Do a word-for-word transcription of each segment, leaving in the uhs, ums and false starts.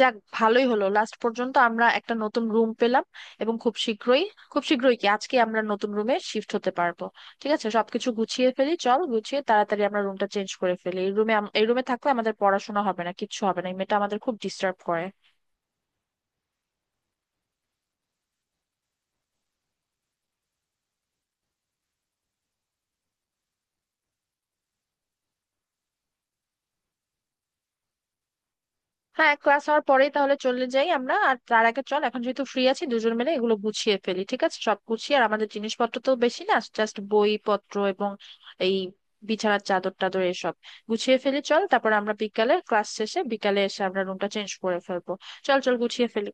যাক, ভালোই হলো। লাস্ট পর্যন্ত আমরা একটা নতুন রুম পেলাম এবং খুব শীঘ্রই খুব শীঘ্রই কি আজকে আমরা নতুন রুমে শিফট হতে পারবো? ঠিক আছে, সবকিছু গুছিয়ে ফেলি, চল গুছিয়ে তাড়াতাড়ি আমরা রুমটা চেঞ্জ করে ফেলি। এই রুমে এই রুমে থাকলে আমাদের পড়াশোনা হবে না, কিচ্ছু হবে না, এই মেয়েটা আমাদের খুব ডিস্টার্ব করে। হ্যাঁ, ক্লাস হওয়ার পরেই তাহলে চলে যাই আমরা, আর তার আগে চল এখন যেহেতু ফ্রি আছি, দুজন মিলে এগুলো গুছিয়ে ফেলি। ঠিক আছে, সব গুছিয়ে। আর আমাদের জিনিসপত্র তো বেশি না, জাস্ট বই পত্র এবং এই বিছানার চাদর টাদর এসব গুছিয়ে ফেলি চল, তারপর আমরা বিকালে ক্লাস শেষে বিকালে এসে আমরা রুমটা চেঞ্জ করে ফেলবো। চল চল গুছিয়ে ফেলি।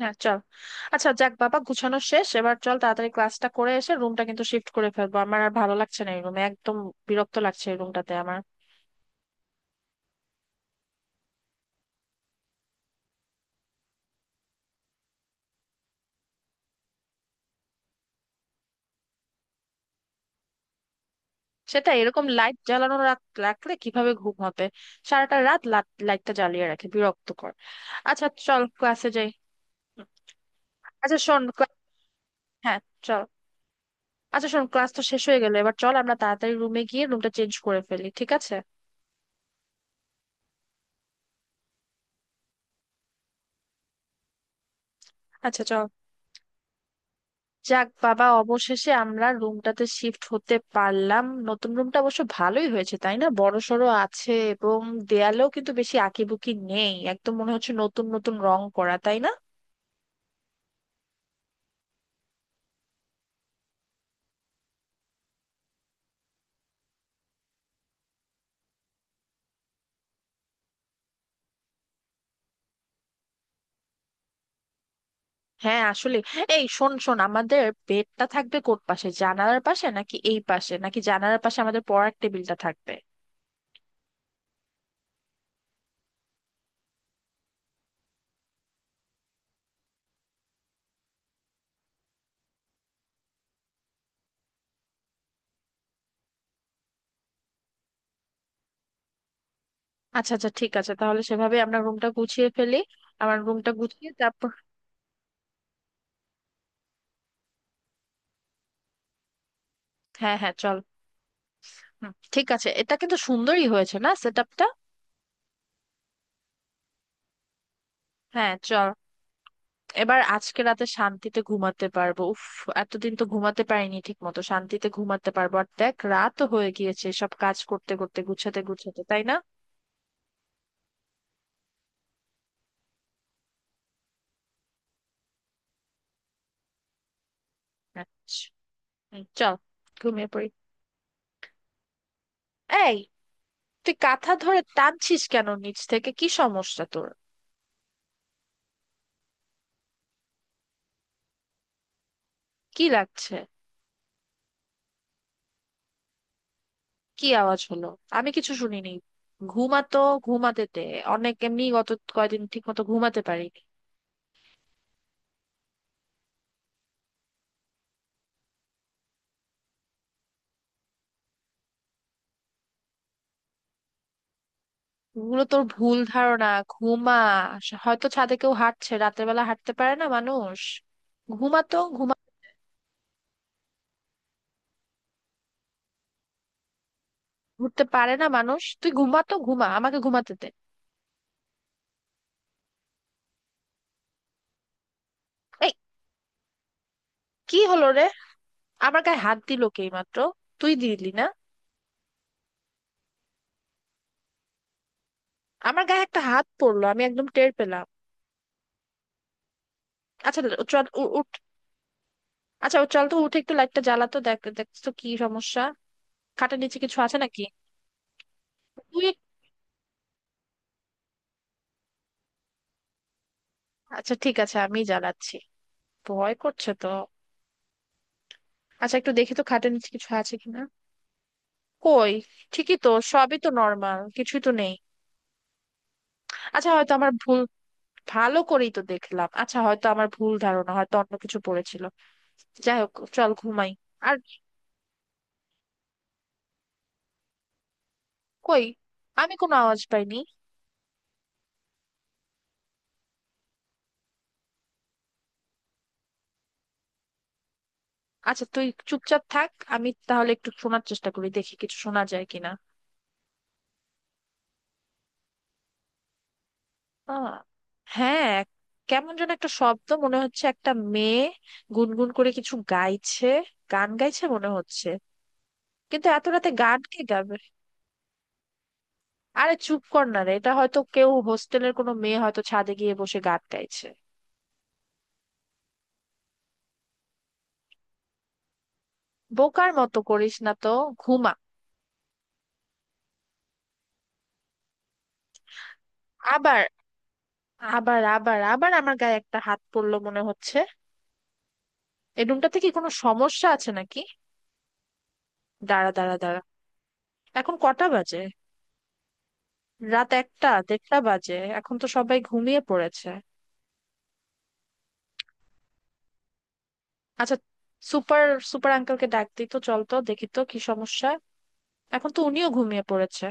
হ্যাঁ চল। আচ্ছা, যাক বাবা, গুছানো শেষ। এবার চল তাড়াতাড়ি ক্লাসটা করে এসে রুমটা কিন্তু শিফট করে ফেলবো, আমার আর ভালো লাগছে না এই রুমে একদম, বিরক্ত লাগছে এই রুমটাতে আমার। সেটা এরকম লাইট জ্বালানো রাখ- রাখলে কিভাবে ঘুম হবে? সারাটা রাত লাট- লাইটটা জ্বালিয়ে রাখে, বিরক্তকর। আচ্ছা, চল ক্লাসে যাই। আচ্ছা শোন, ক্লা- হ্যাঁ, চল। আচ্ছা শোন, ক্লাস তো শেষ হয়ে গেল, এবার চল আমরা তাড়াতাড়ি রুমে গিয়ে রুমটা চেঞ্জ করে ফেলি, ঠিক আছে? আচ্ছা চল। যাক বাবা, অবশেষে আমরা রুমটাতে শিফট হতে পারলাম। নতুন রুমটা অবশ্য ভালোই হয়েছে তাই না, বড় সড়ো আছে এবং দেয়ালেও কিন্তু বেশি আঁকিবুকি নেই, একদম মনে হচ্ছে নতুন নতুন রং করা, তাই না? হ্যাঁ, আসলে এই শোন শোন, আমাদের বেডটা থাকবে কোট পাশে, জানালার পাশে নাকি এই পাশে, নাকি জানালার পাশে আমাদের পড়ার টেবিলটা থাকবে? আচ্ছা আচ্ছা, ঠিক আছে তাহলে সেভাবে আমরা রুমটা গুছিয়ে ফেলি। আমার রুমটা গুছিয়ে তারপর। হ্যাঁ হ্যাঁ চল। হুম, ঠিক আছে, এটা কিন্তু সুন্দরই হয়েছে না, সেট আপটা? হ্যাঁ চল। এবার আজকে রাতে শান্তিতে ঘুমাতে পারবো, উফ। এতদিন তো ঘুমাতে পারিনি ঠিক মতো, শান্তিতে ঘুমাতে পারবো। আর দেখ রাতও হয়ে গিয়েছে সব কাজ করতে করতে, গুছাতে গুছাতে, তাই না? আচ্ছা, হুম, চল ঘুমিয়ে পড়ি। এই, তুই কাঁথা ধরে টানছিস কেন নিচ থেকে, কি সমস্যা তোর? কি লাগছে? কি আওয়াজ হলো? আমি কিছু শুনিনি। ঘুমাতো, ঘুমাতে দে। অনেক এমনি গত কয়দিন ঠিক মতো ঘুমাতে পারিনি। এগুলো তোর ভুল ধারণা। ঘুমা, হয়তো ছাদে কেউ হাঁটছে, রাতের বেলা হাঁটতে পারে না মানুষ? ঘুমাতো ঘুমা। ঘুরতে পারে না মানুষ? তুই ঘুমাতো ঘুমা, আমাকে ঘুমাতে দে। এই, কি হলো রে? আমার গায়ে হাত দিল কে এই মাত্র, তুই দিলি না? আমার গায়ে একটা হাত পড়লো, আমি একদম টের পেলাম। আচ্ছা, চল উ- উঠ। আচ্ছা ও, চল তো উঠে একটু লাইটটা জ্বালাতো, দেখ দেখ তো কি সমস্যা, খাটের নিচে কিছু আছে নাকি। তুই এক- আচ্ছা ঠিক আছে, আমি জ্বালাচ্ছি। ভয় করছে তো। আচ্ছা একটু দেখি তো খাটের নিচে কিছু আছে কিনা। কই, ঠিকই তো, সবই তো নর্মাল, কিছুই তো নেই। আচ্ছা, হয়তো আমার ভুল। ভালো করেই তো দেখলাম, আচ্ছা হয়তো আমার ভুল ধারণা, হয়তো অন্য কিছু পড়েছিল। যাই হোক, চল ঘুমাই। আর কই, আমি কোনো আওয়াজ পাইনি। আচ্ছা তুই চুপচাপ থাক, আমি তাহলে একটু শোনার চেষ্টা করি, দেখি কিছু শোনা যায় কিনা। আহ, হ্যাঁ, এক- কেমন যেন একটা শব্দ মনে হচ্ছে, একটা মেয়ে গুনগুন করে কিছু গাইছে, গান গাইছে মনে হচ্ছে। কিন্তু এত রাতে গান কে গাবে? আরে চুপ কর না রে, এটা হয়তো কেউ হোস্টেলের কোনো মেয়ে হয়তো ছাদে গিয়ে বসে গান গাইছে। বোকার মতো করিস না তো, ঘুমা। আবার আবার আবার আবার আমার গায়ে একটা হাত পড়লো মনে হচ্ছে। এই রুমটাতে কি কোনো সমস্যা আছে নাকি? দাঁড়া দাঁড়া দাঁড়া। এখন কটা বাজে? রাত একটা, দেড়টা বাজে। এখন তো সবাই ঘুমিয়ে পড়েছে। আচ্ছা, সুপার, সুপার আঙ্কেলকে ডাক দিই তো, চল তো দেখি তো কি সমস্যা। এখন তো উনিও ঘুমিয়ে পড়েছে।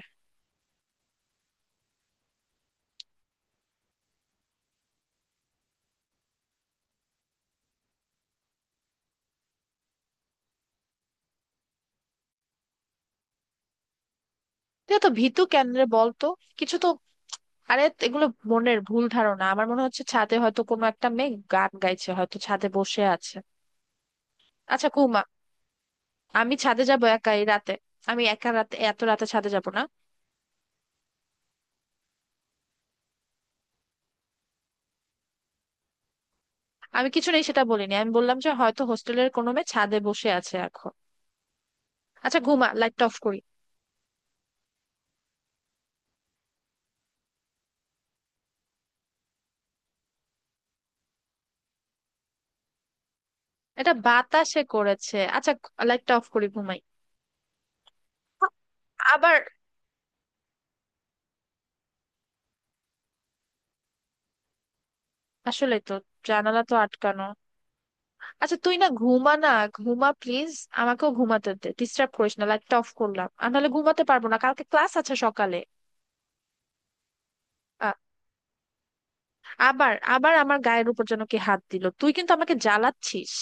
তুই তো ভীতু, কেন রে বল তো? কিছু তো, আরে এগুলো মনের ভুল ধারণা। আমার মনে হচ্ছে ছাদে হয়তো কোনো একটা মেয়ে গান গাইছে, হয়তো ছাদে বসে আছে। আচ্ছা ঘুমা। আমি ছাদে যাবো একা এই রাতে? আমি একা রাতে, এত রাতে ছাদে যাব না। আমি কিছু নেই সেটা বলিনি, আমি বললাম যে হয়তো হোস্টেলের কোনো মেয়ে ছাদে বসে আছে এখন। আচ্ছা ঘুমা, লাইটটা অফ করি। এটা বাতাসে করেছে। আচ্ছা, লাইটটা অফ করি, ঘুমাই। আবার। আসলে তো জানালা তো আটকানো। আচ্ছা তুই না, ঘুমা না, ঘুমা প্লিজ। আমাকেও ঘুমাতে দে, ডিস্টার্ব করিস না। লাইটটা অফ করলাম, আর নাহলে ঘুমাতে পারবো না, কালকে ক্লাস আছে সকালে। আ- আবার, আবার আমার গায়ের উপর যেন কে হাত দিল, তুই কিন্তু আমাকে জ্বালাচ্ছিস।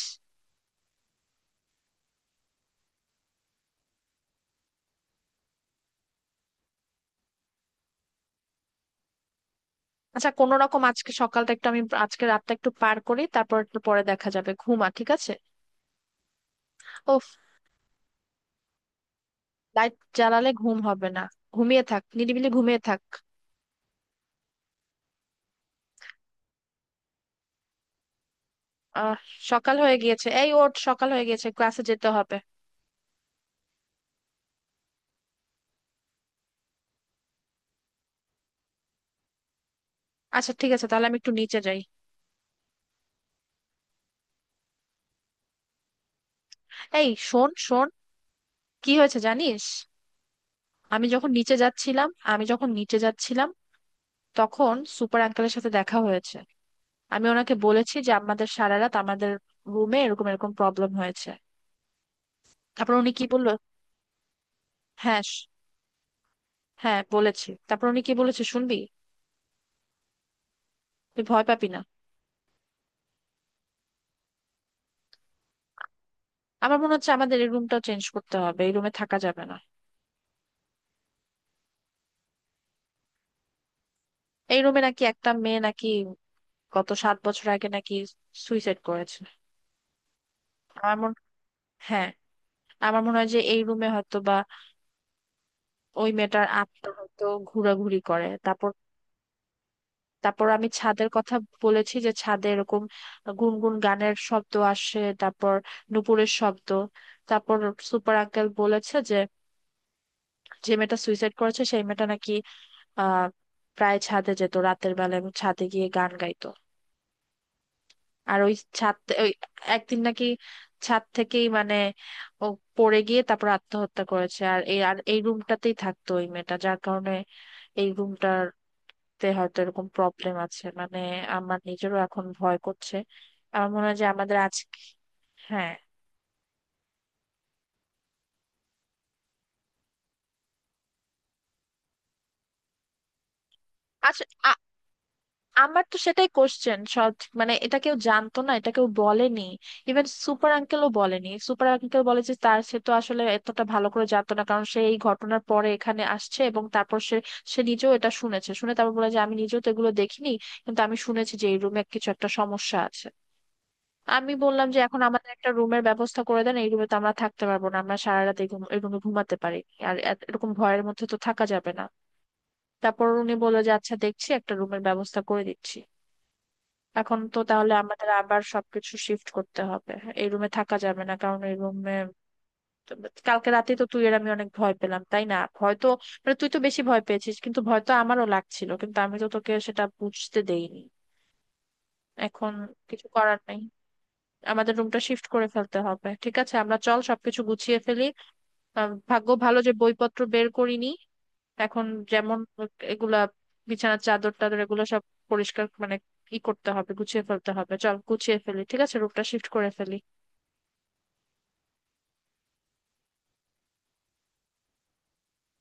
আচ্ছা, কোনো রকম আজকে সকালটা একটু, আমি আজকে রাতটা একটু পার করি, তারপর একটু পরে দেখা যাবে। ঘুমা, ঠিক আছে? ওফ, লাইট জ্বালালে ঘুম হবে না। ঘুমিয়ে থাক, নিরিবিলি ঘুমিয়ে থাক। আহ, সকাল হয়ে গিয়েছে। এই, ওঠ, সকাল হয়ে গিয়েছে, ক্লাসে যেতে হবে। আচ্ছা ঠিক আছে, তাহলে আমি একটু নিচে যাই। এই শোন শোন, কি হয়েছে জানিস? আমি যখন নিচে যাচ্ছিলাম, আমি যখন নিচে যাচ্ছিলাম, তখন সুপার আঙ্কেলের সাথে দেখা হয়েছে। আমি ওনাকে বলেছি যে আমাদের সারা রাত আমাদের রুমে এরকম এরকম প্রবলেম হয়েছে। তারপর উনি কি বললো, হ্যাঁ শ- হ্যাঁ বলেছি, তারপর উনি কি বলেছে শুনবি? তুই ভয় পাবি না। আমার মনে হচ্ছে আমাদের এই রুমটাও চেঞ্জ করতে হবে, এই রুমে থাকা যাবে না। এই রুমে নাকি একটা মেয়ে নাকি গত সাত বছর আগে নাকি সুইসাইড করেছে। আমার মনে, হ্যাঁ, আমার মনে হয় যে এই রুমে হয়তো ওই মেয়েটার আত্মা হয়তো ঘোরাঘুরি করে। তারপর, তারপর আমি ছাদের কথা বলেছি যে ছাদে এরকম গুনগুন গানের শব্দ আসে, তারপর নুপুরের শব্দ। তারপর সুপার আঙ্কেল বলেছে যে, যে মেয়েটা সুইসাইড করেছে, সেই মেয়েটা নাকি আহ প্রায় ছাদে যেত রাতের বেলা এবং ছাদে গিয়ে গান গাইতো। আর ওই ছাদ, ওই একদিন নাকি ছাদ থেকেই মানে ও পড়ে গিয়ে তারপর আত্মহত্যা করেছে। আর এই, আর এই রুমটাতেই থাকতো ওই মেয়েটা, যার কারণে এই রুমটার তে হয়তো এরকম প্রবলেম আছে। মানে আমার নিজেরও এখন ভয় করছে, আমার মনে হয় যে আমাদের আজ, হ্যাঁ। আচ্ছা, আ- আমার তো সেটাই কোশ্চেন সব। মানে এটা কেউ জানতো না, এটা কেউ বলেনি, ইভেন সুপার আঙ্কেলও বলেনি। সুপার আঙ্কেল বলে যে তার, সে তো আসলে এতটা ভালো করে জানতো না, কারণ সে এই ঘটনার পরে এখানে আসছে। এবং তারপর সে, সে নিজেও এটা শুনেছে, শুনে তারপর বলে যে আমি নিজেও তো এগুলো দেখিনি, কিন্তু আমি শুনেছি যে এই রুমে কিছু একটা সমস্যা আছে। আমি বললাম যে এখন আমাদের একটা রুমের ব্যবস্থা করে দেন, এই রুমে তো আমরা থাকতে পারবো না, আমরা সারা রাত এই ঘুম- এই রুমে ঘুমাতে পারি আর এত- এরকম ভয়ের মধ্যে তো থাকা যাবে না। তারপর উনি বললো যে আচ্ছা দেখছি, একটা রুমের ব্যবস্থা করে দিচ্ছি। এখন তো তাহলে আমাদের আবার সবকিছু শিফট করতে হবে, এই রুমে থাকা যাবে না, কারণ এই রুমে কালকে রাতে তো তুই আর আমি অনেক ভয় পেলাম, তাই না? ভয় তো, মানে তুই তো বেশি ভয় পেয়েছিস, কিন্তু ভয় তো আমারও লাগছিল কিন্তু আমি তো তোকে সেটা বুঝতে দেইনি। এখন কিছু করার নাই, আমাদের রুমটা শিফট করে ফেলতে হবে, ঠিক আছে? আমরা চল সবকিছু গুছিয়ে ফেলি। আহ, ভাগ্য ভালো যে বইপত্র বের করিনি। এখন যেমন এগুলা বিছানার চাদর টাদর এগুলো সব পরিষ্কার মানে ই করতে হবে, গুছিয়ে ফেলতে হবে। চল গুছিয়ে ফেলি, ঠিক আছে? রুমটা শিফট করে ফেলি।